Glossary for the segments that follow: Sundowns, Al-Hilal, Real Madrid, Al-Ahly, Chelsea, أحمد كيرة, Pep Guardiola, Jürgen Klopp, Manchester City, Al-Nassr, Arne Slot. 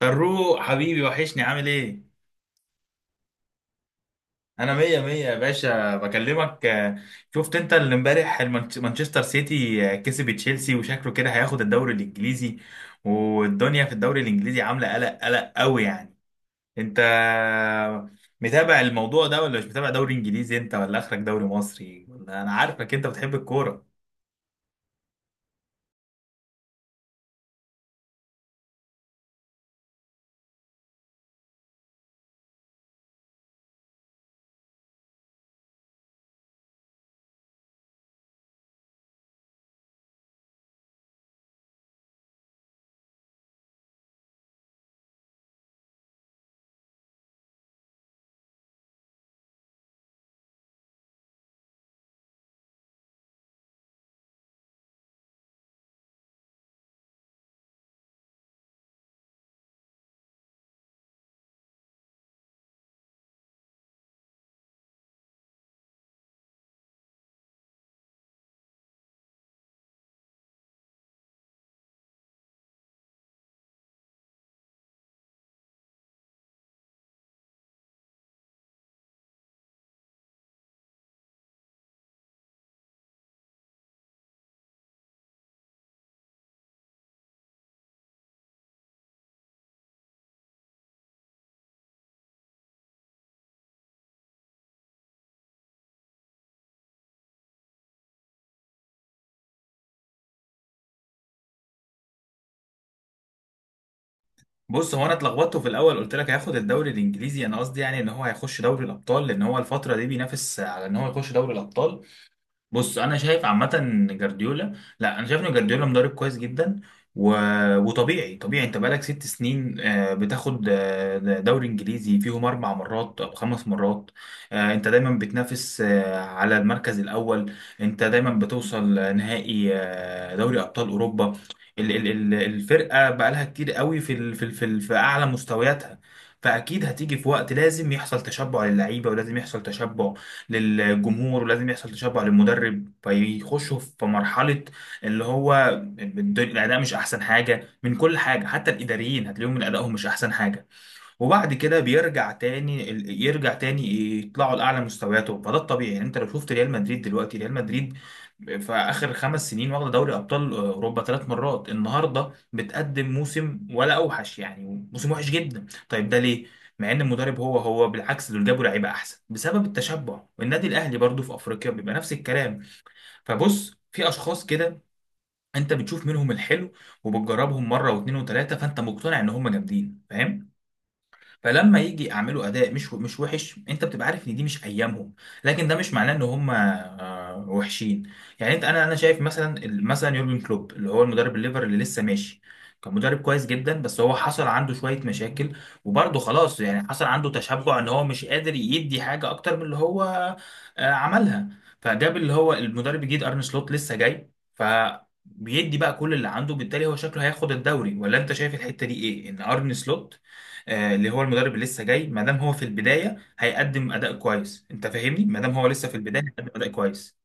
فاروق حبيبي وحشني، عامل ايه؟ انا مية مية يا باشا بكلمك. شفت انت اللي امبارح مانشستر سيتي كسب تشيلسي، وشكله كده هياخد الدوري الانجليزي، والدنيا في الدوري الانجليزي عاملة قلق قوي يعني. انت متابع الموضوع ده ولا مش متابع؟ دوري انجليزي انت ولا اخرك دوري مصري؟ ولا انا عارفك انت بتحب الكورة. بص، هو انا اتلخبطت في الاول، قلت لك هياخد الدوري الانجليزي، انا قصدي يعني ان هو هيخش دوري الابطال، لان هو الفترة دي بينافس على ان هو يخش دوري الابطال. بص انا شايف عامه إن جارديولا، لا انا شايف ان جارديولا مدرب كويس جدا، و... وطبيعي انت بقالك ست سنين بتاخد دوري انجليزي فيهم اربع مرات او خمس مرات. انت دايما بتنافس على المركز الاول، انت دايما بتوصل نهائي دوري ابطال اوروبا. الفرقه بقالها كتير قوي في اعلى مستوياتها، فاكيد هتيجي في وقت لازم يحصل تشبع للعيبه، ولازم يحصل تشبع للجمهور، ولازم يحصل تشبع للمدرب، فيخشوا في مرحلة اللي هو الأداء مش أحسن حاجة من كل حاجة، حتى الإداريين هتلاقيهم من أدائهم مش أحسن حاجة، وبعد كده بيرجع تاني يرجع تاني يطلعوا لاعلى مستوياتهم. فده الطبيعي يعني. انت لو شفت ريال مدريد دلوقتي، ريال مدريد في اخر خمس سنين واخده دوري ابطال اوروبا ثلاث مرات، النهارده بتقدم موسم ولا اوحش، يعني موسم وحش جدا. طيب ده ليه؟ مع ان المدرب هو هو، بالعكس دول جابوا لعيبه احسن، بسبب التشبع. والنادي الاهلي برضو في افريقيا بيبقى نفس الكلام. فبص، في اشخاص كده انت بتشوف منهم الحلو وبتجربهم مره واثنين وثلاثه، فانت مقتنع ان هم جامدين، فاهم؟ فلما يجي يعملوا اداء مش وحش، انت بتبقى عارف ان دي مش ايامهم، لكن ده مش معناه ان هم وحشين. يعني انت، انا شايف مثلا، مثلا يورجن كلوب، اللي هو المدرب الليفر اللي لسه ماشي، كان مدرب كويس جدا، بس هو حصل عنده شويه مشاكل، وبرضه خلاص يعني حصل عنده تشبع، ان هو مش قادر يدي حاجه اكتر من اللي هو عملها، فجاب اللي هو المدرب الجديد ارن سلوت لسه جاي. ف بيدي بقى كل اللي عنده، بالتالي هو شكله هياخد الدوري، ولا انت شايف الحتة دي ايه؟ ان ارن سلوت اللي هو المدرب اللي لسه جاي، ما دام هو في البدايه هيقدم اداء كويس، انت فاهمني؟ ما دام هو لسه في البدايه هيقدم اداء كويس.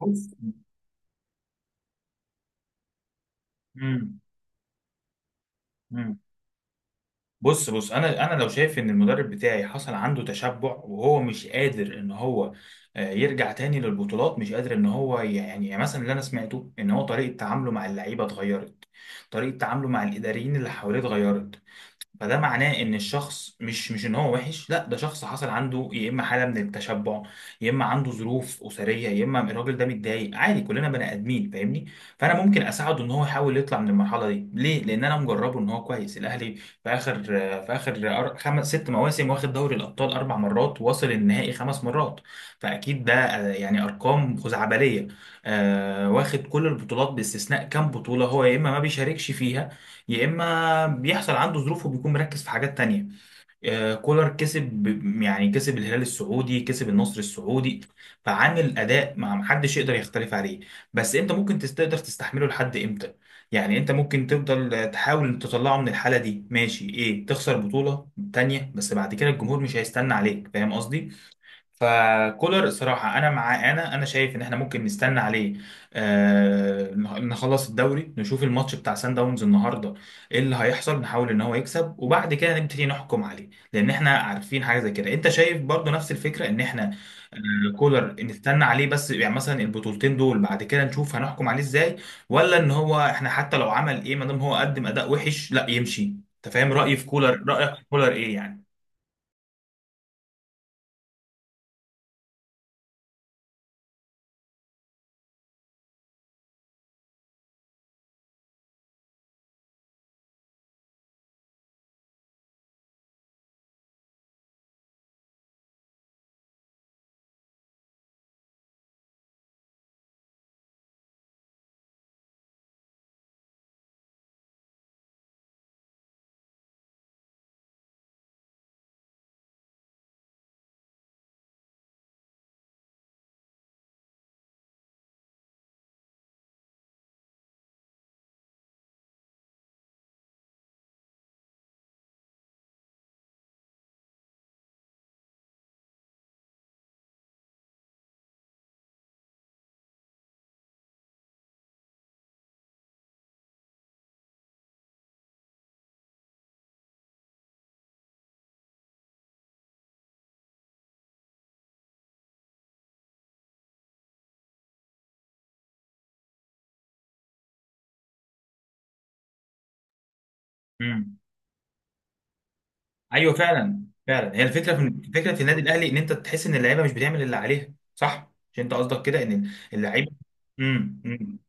بص. مم. مم. بص، انا لو شايف ان المدرب بتاعي حصل عنده تشبع، وهو مش قادر ان هو يرجع تاني للبطولات، مش قادر ان هو يعني، يعني مثلا اللي انا سمعته ان هو طريقه تعامله مع اللعيبه اتغيرت، طريقه تعامله مع الاداريين اللي حواليه اتغيرت، فده معناه ان الشخص مش ان هو وحش، لا ده شخص حصل عنده يا اما حاله من التشبع، يا اما عنده ظروف اسريه، يا اما الراجل ده متضايق، عادي كلنا بني ادمين، فاهمني؟ فانا ممكن اساعده ان هو يحاول يطلع من المرحله دي. ليه؟ لان انا مجربه ان هو كويس. الاهلي في اخر، خمس ست مواسم واخد دوري الابطال اربع مرات، واصل النهائي خمس مرات، فاكيد ده يعني ارقام خزعبليه. واخد كل البطولات باستثناء كام بطوله هو يا اما ما بيشاركش فيها، يا اما بيحصل عنده ظروف وبيكون مركز في حاجات تانية. كولر كسب يعني كسب الهلال السعودي، كسب النصر السعودي، فعامل اداء ما محدش يقدر يختلف عليه. بس انت ممكن تقدر تستحمله لحد امتى؟ يعني انت ممكن تفضل تحاول تطلعه من الحالة دي ماشي، ايه تخسر بطولة تانية، بس بعد كده الجمهور مش هيستنى عليك، فاهم قصدي؟ فكولر الصراحة أنا معاه، أنا شايف إن إحنا ممكن نستنى عليه. آه، نخلص الدوري، نشوف الماتش بتاع سان داونز النهاردة إيه اللي هيحصل، نحاول إن هو يكسب، وبعد كده نبتدي نحكم عليه. لأن إحنا عارفين حاجة زي كده. أنت شايف برضو نفس الفكرة إن إحنا آه كولر نستنى عليه، بس يعني مثلا البطولتين دول بعد كده نشوف هنحكم عليه إزاي، ولا إن هو إحنا حتى لو عمل إيه، ما دام هو قدم أداء وحش لا يمشي؟ أنت فاهم رأيي في كولر، رأيك في كولر إيه يعني؟ ايوه، فعلا فعلا، هي الفكره في، فكره في النادي الاهلي ان انت تحس ان اللعيبه مش بتعمل اللي عليها، صح؟ مش انت قصدك كده، ان اللعيبه، أمم.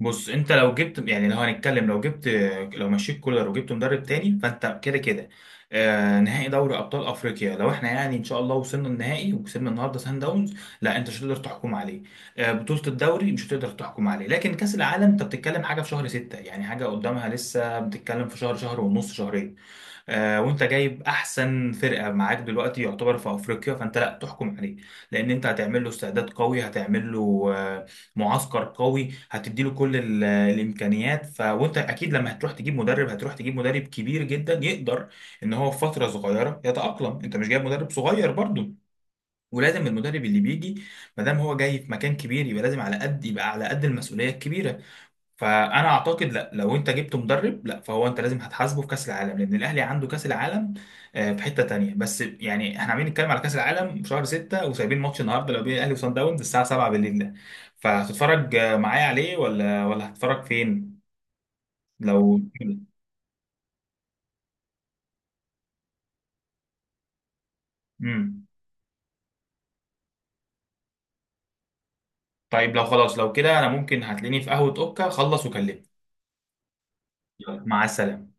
بص، انت لو جبت، يعني لو هنتكلم، لو جبت، لو مشيت كولر وجبت مدرب تاني، فانت كده كده آه نهائي دوري ابطال افريقيا لو احنا يعني ان شاء الله وصلنا النهائي وكسبنا النهارده سان داونز، لا انت مش هتقدر تحكم عليه. آه بطوله الدوري مش هتقدر تحكم عليه، لكن كاس العالم انت بتتكلم حاجه في شهر ستة، يعني حاجه قدامها لسه، بتتكلم في شهر، شهر ونص، شهرين. وانت جايب احسن فرقه معاك دلوقتي يعتبر في افريقيا، فانت لا تحكم عليه، لان انت هتعمل له استعداد قوي، هتعمل له معسكر قوي، هتدي له كل الامكانيات. ف وانت اكيد لما هتروح تجيب مدرب، هتروح تجيب مدرب كبير جدا يقدر ان هو في فتره صغيره يتاقلم، انت مش جايب مدرب صغير برضه، ولازم المدرب اللي بيجي ما دام هو جاي في مكان كبير، يبقى لازم على قد، يبقى على قد المسؤوليه الكبيره. فانا اعتقد لا لو انت جبت مدرب، لا فهو انت لازم هتحاسبه في كاس العالم، لان الاهلي عنده كاس العالم في حته تانية. بس يعني احنا عاملين نتكلم على كاس العالم في شهر 6، وسايبين ماتش النهارده لو بين الاهلي وصن داونز الساعه 7 بالليل ده. فهتتفرج معايا عليه، ولا هتتفرج فين لو؟ امم. طيب لو خلاص لو كده، انا ممكن هتلاقيني في قهوه اوكا، خلص وكلمني. يلا، مع السلامه.